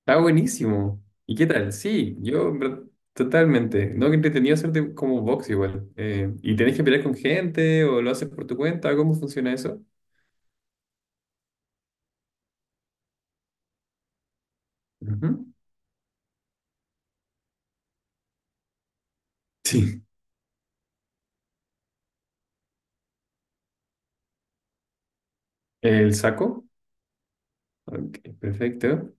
Está buenísimo. ¿Y qué tal? Sí, yo en verdad, totalmente. No, que entretenido hacerte como box igual. ¿Y tenés que pelear con gente o lo haces por tu cuenta? ¿Cómo funciona eso? Ujú. Sí. ¿El saco? Ok, perfecto.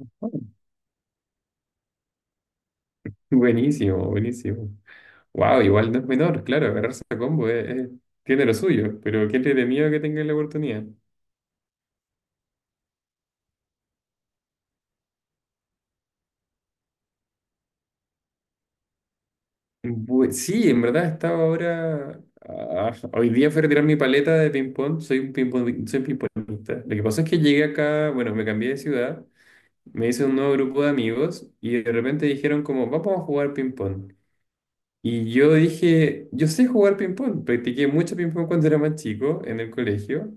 Oh, buenísimo, buenísimo. Wow, igual no es menor, claro, agarrarse a combo, tiene lo suyo, pero qué entretenido que tengas la oportunidad. Sí, en verdad estaba ahora. Hoy día fui a retirar mi paleta de ping-pong. Soy ping pongista. Lo que pasó es que llegué acá, bueno, me cambié de ciudad, me hice un nuevo grupo de amigos y de repente dijeron como, vamos a jugar ping-pong. Y yo dije, yo sé jugar ping-pong. Practiqué mucho ping-pong cuando era más chico en el colegio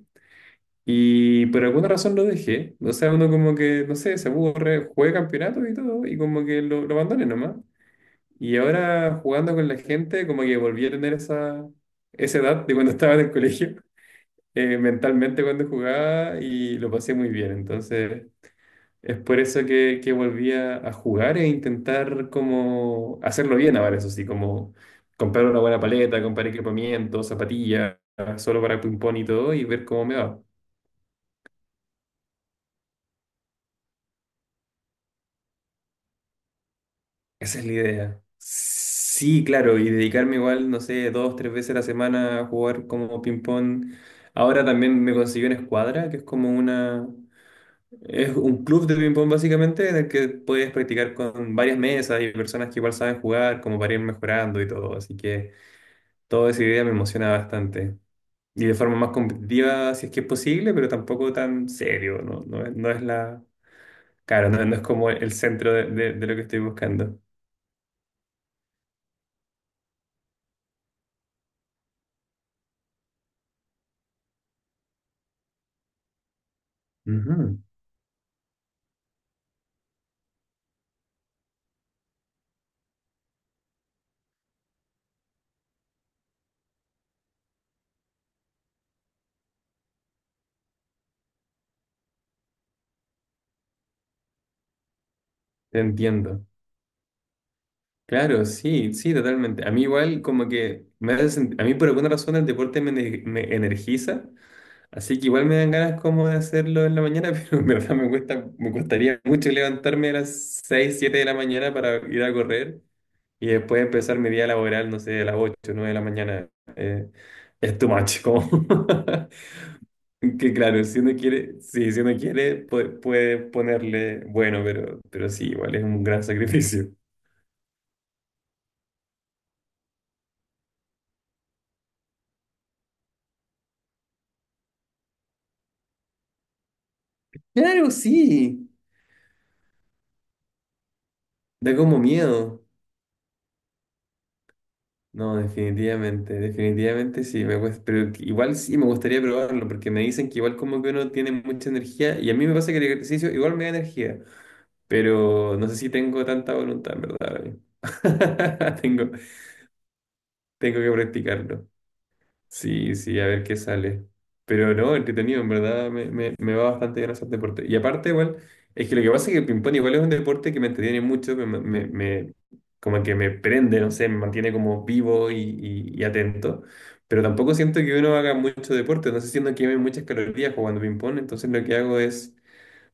y por alguna razón lo dejé. O sea, uno como que, no sé, se aburre, juega campeonatos y todo y como que lo abandoné nomás. Y ahora jugando con la gente, como que volví a tener esa edad de cuando estaba en el colegio, mentalmente cuando jugaba y lo pasé muy bien. Entonces es por eso que volví a jugar e intentar como hacerlo bien ahora, eso sí, como comprar una buena paleta, comprar equipamiento, zapatillas, solo para ping-pong y todo y ver cómo me va. Esa es la idea. Sí, claro, y dedicarme igual, no sé, dos, tres veces a la semana a jugar como ping-pong. Ahora también me conseguí una escuadra, que es como una... Es un club de ping-pong básicamente, en el que puedes practicar con varias mesas y personas que igual saben jugar, como para ir mejorando y todo. Así que toda esa idea me emociona bastante. Y de forma más competitiva, si es que es posible, pero tampoco tan serio, ¿no? No, es no es la... Claro, no, no es como el centro de lo que estoy buscando. Ujú, te entiendo. Claro, sí, sí, totalmente. A mí igual como que a mí por alguna razón el deporte me energiza, así que igual me dan ganas como de hacerlo en la mañana, pero en verdad me cuesta, me costaría mucho levantarme a las 6, 7 de la mañana para ir a correr y después empezar mi día laboral, no sé, a las 8, 9 de la mañana. Eh, es too much, como que claro, si uno quiere, sí, si uno quiere puede, ponerle bueno, pero sí, igual es un gran sacrificio. Claro, sí. Da como miedo. No, definitivamente, definitivamente sí, me cuesta, pero igual sí me gustaría probarlo, porque me dicen que igual como que uno tiene mucha energía, y a mí me pasa que el ejercicio igual me da energía, pero no sé si tengo tanta voluntad, en verdad. Ahora mismo. Tengo, Tengo que practicarlo. Sí, sí, a ver qué sale. Pero no, entretenido, en verdad me va bastante bien hacer deporte. Y aparte, igual, es que lo que pasa es que el ping-pong igual es un deporte que me entretiene mucho, como que me prende, no sé, me mantiene como vivo y atento. Pero tampoco siento que uno haga mucho deporte, no sé, siento que queme muchas calorías jugando ping-pong, entonces lo que hago es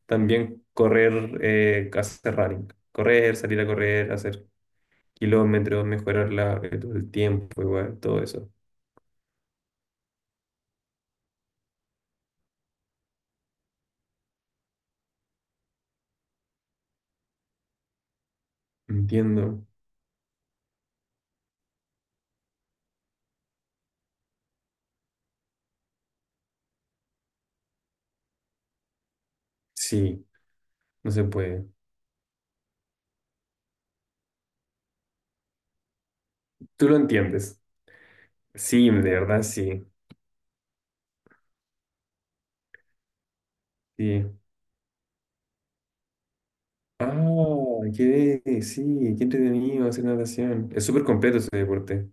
también correr, hacer running, correr, salir a correr, hacer kilómetros, mejorar el tiempo, igual, todo eso. Entiendo. Sí. No se puede. Tú lo entiendes. Sí, de verdad, sí. Sí. Ah, qué, sí, qué entretenido hacer natación. Es súper completo ese deporte.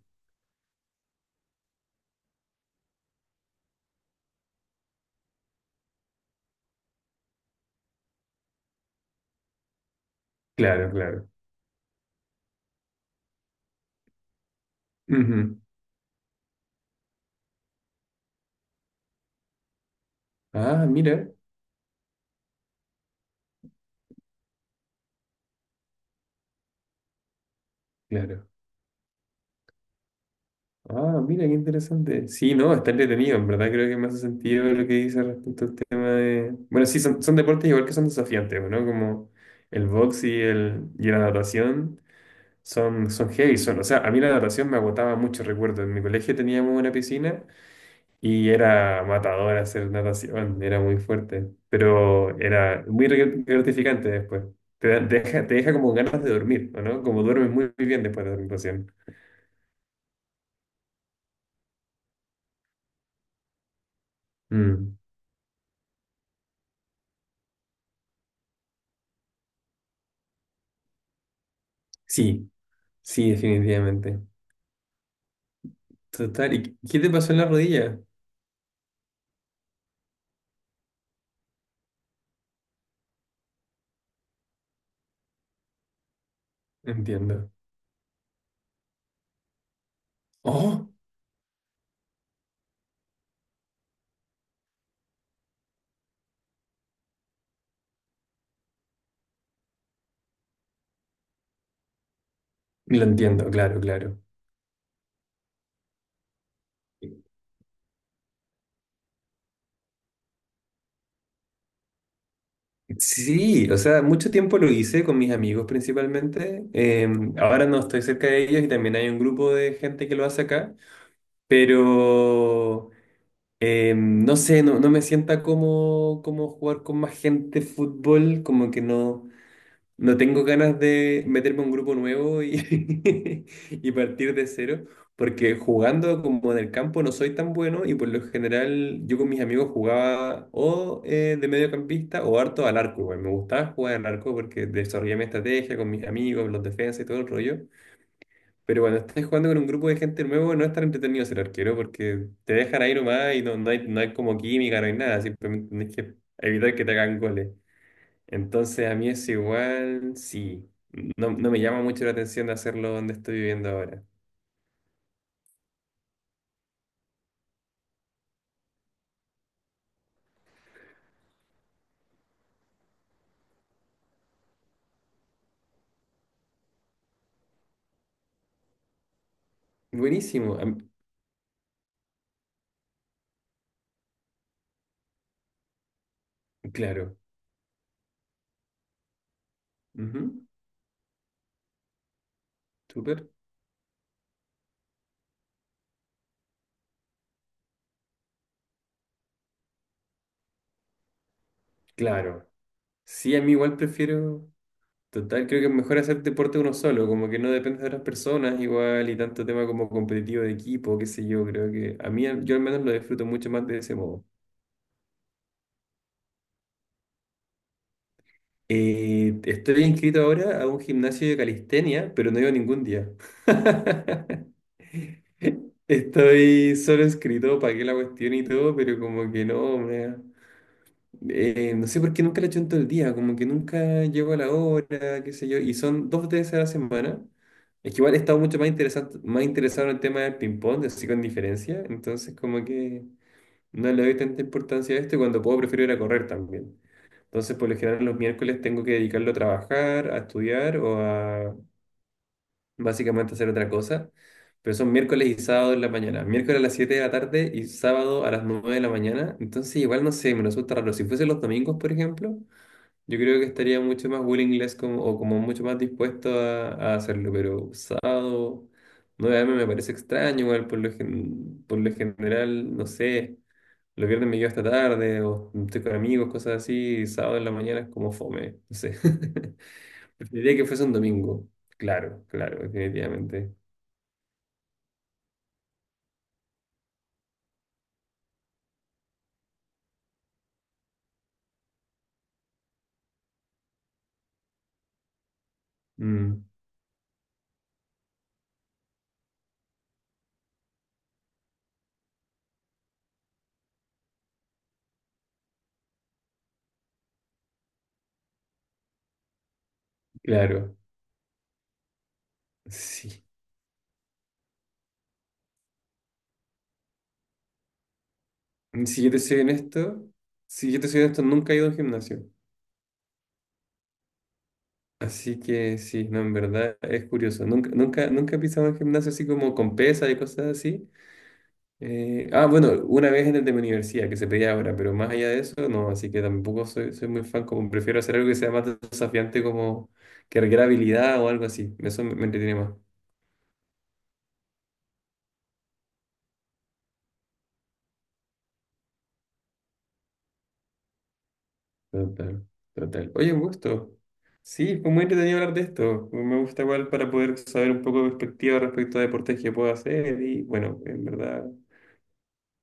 Claro, claro. Ujú. Ah, mira, claro. Ah, mira, qué interesante. Sí, no, está entretenido. En verdad creo que me hace sentido lo que dice respecto al tema de... Bueno, sí, son deportes igual que son desafiantes, ¿no? Como el box y la natación son heavy. Son, o sea, a mí la natación me agotaba mucho, recuerdo. En mi colegio teníamos una piscina. Y era matador hacer natación, era muy fuerte, pero era muy gratificante después. Te deja, como ganas de dormir, ¿o no? Como duermes muy, muy bien después de la natación. Mm, sí, sí, definitivamente. Total, ¿y qué te pasó en la rodilla? Entiendo. Oh, lo entiendo, claro, claro. Sí, o sea, mucho tiempo lo hice con mis amigos principalmente. Ahora no estoy cerca de ellos y también hay un grupo de gente que lo hace acá, pero... No sé, no, no me sienta como jugar con más gente fútbol, como que no, no tengo ganas de meterme a un grupo nuevo y, y partir de cero, porque jugando como en el campo no soy tan bueno y por lo general yo con mis amigos jugaba o de mediocampista o harto al arco, güey. Me gustaba jugar al arco porque desarrollé mi estrategia con mis amigos, los defensas y todo el rollo. Pero cuando estés jugando con un grupo de gente nuevo, no es tan entretenido ser arquero porque te dejan ahí nomás y no, no hay, no hay como química, no hay nada, simplemente tenés que evitar que te hagan goles. Entonces a mí es igual, sí, no, no me llama mucho la atención de hacerlo donde estoy viviendo ahora. Buenísimo, a claro, ujú, súper, claro. Sí, a mí igual prefiero. Total, creo que es mejor hacer deporte uno solo, como que no depende de otras personas igual y tanto tema como competitivo de equipo, qué sé yo, creo que a mí yo al menos lo disfruto mucho más de ese modo. Estoy inscrito ahora a un gimnasio de calistenia, pero no iba ningún día. Estoy solo inscrito, pagué la cuestión y todo, pero como que no, me, No sé por qué nunca le echo en todo el día, como que nunca llego a la hora, qué sé yo, y son dos veces a la semana. Es que igual he estado mucho más interesante, más interesado en el tema del ping-pong, así con diferencia, entonces como que no le doy tanta importancia a esto y cuando puedo prefiero ir a correr también. Entonces por lo general los miércoles tengo que dedicarlo a trabajar, a estudiar o a básicamente hacer otra cosa, pero son miércoles y sábado en la mañana, miércoles a las 7 de la tarde y sábado a las 9 de la mañana, entonces igual no sé, me resulta raro. Si fuese los domingos, por ejemplo. Yo creo que estaría mucho más willingless como, o como mucho más dispuesto a hacerlo, pero sábado 9 me parece extraño, igual por lo general, no sé, los viernes me quedo hasta tarde o estoy con amigos, cosas así, y sábado en la mañana es como fome, no sé. Preferiría que fuese un domingo, claro, claro, definitivamente. Mm, claro, sí. Si yo te soy honesto, si yo te soy honesto, nunca he ido a un gimnasio. Así que sí, no, en verdad es curioso. Nunca, nunca, nunca he pisado un gimnasio así como con pesas y cosas así. Bueno, una vez en el de mi universidad, que se pedía ahora, pero más allá de eso, no, así que tampoco soy muy fan, como prefiero hacer algo que sea más desafiante, como que requiera habilidad o algo así. Eso me entretiene más. Total, total. Oye, un gusto. Sí, fue muy entretenido hablar de esto. Me gusta igual para poder saber un poco de perspectiva respecto a deportes que puedo hacer y bueno, en verdad,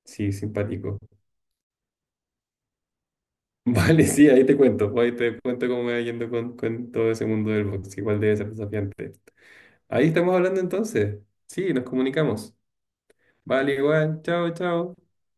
sí, simpático. Vale, sí, ahí te cuento cómo me va yendo con, todo ese mundo del box, igual debe ser desafiante. Ahí estamos hablando entonces. Sí, nos comunicamos. Vale, igual, chao, chao.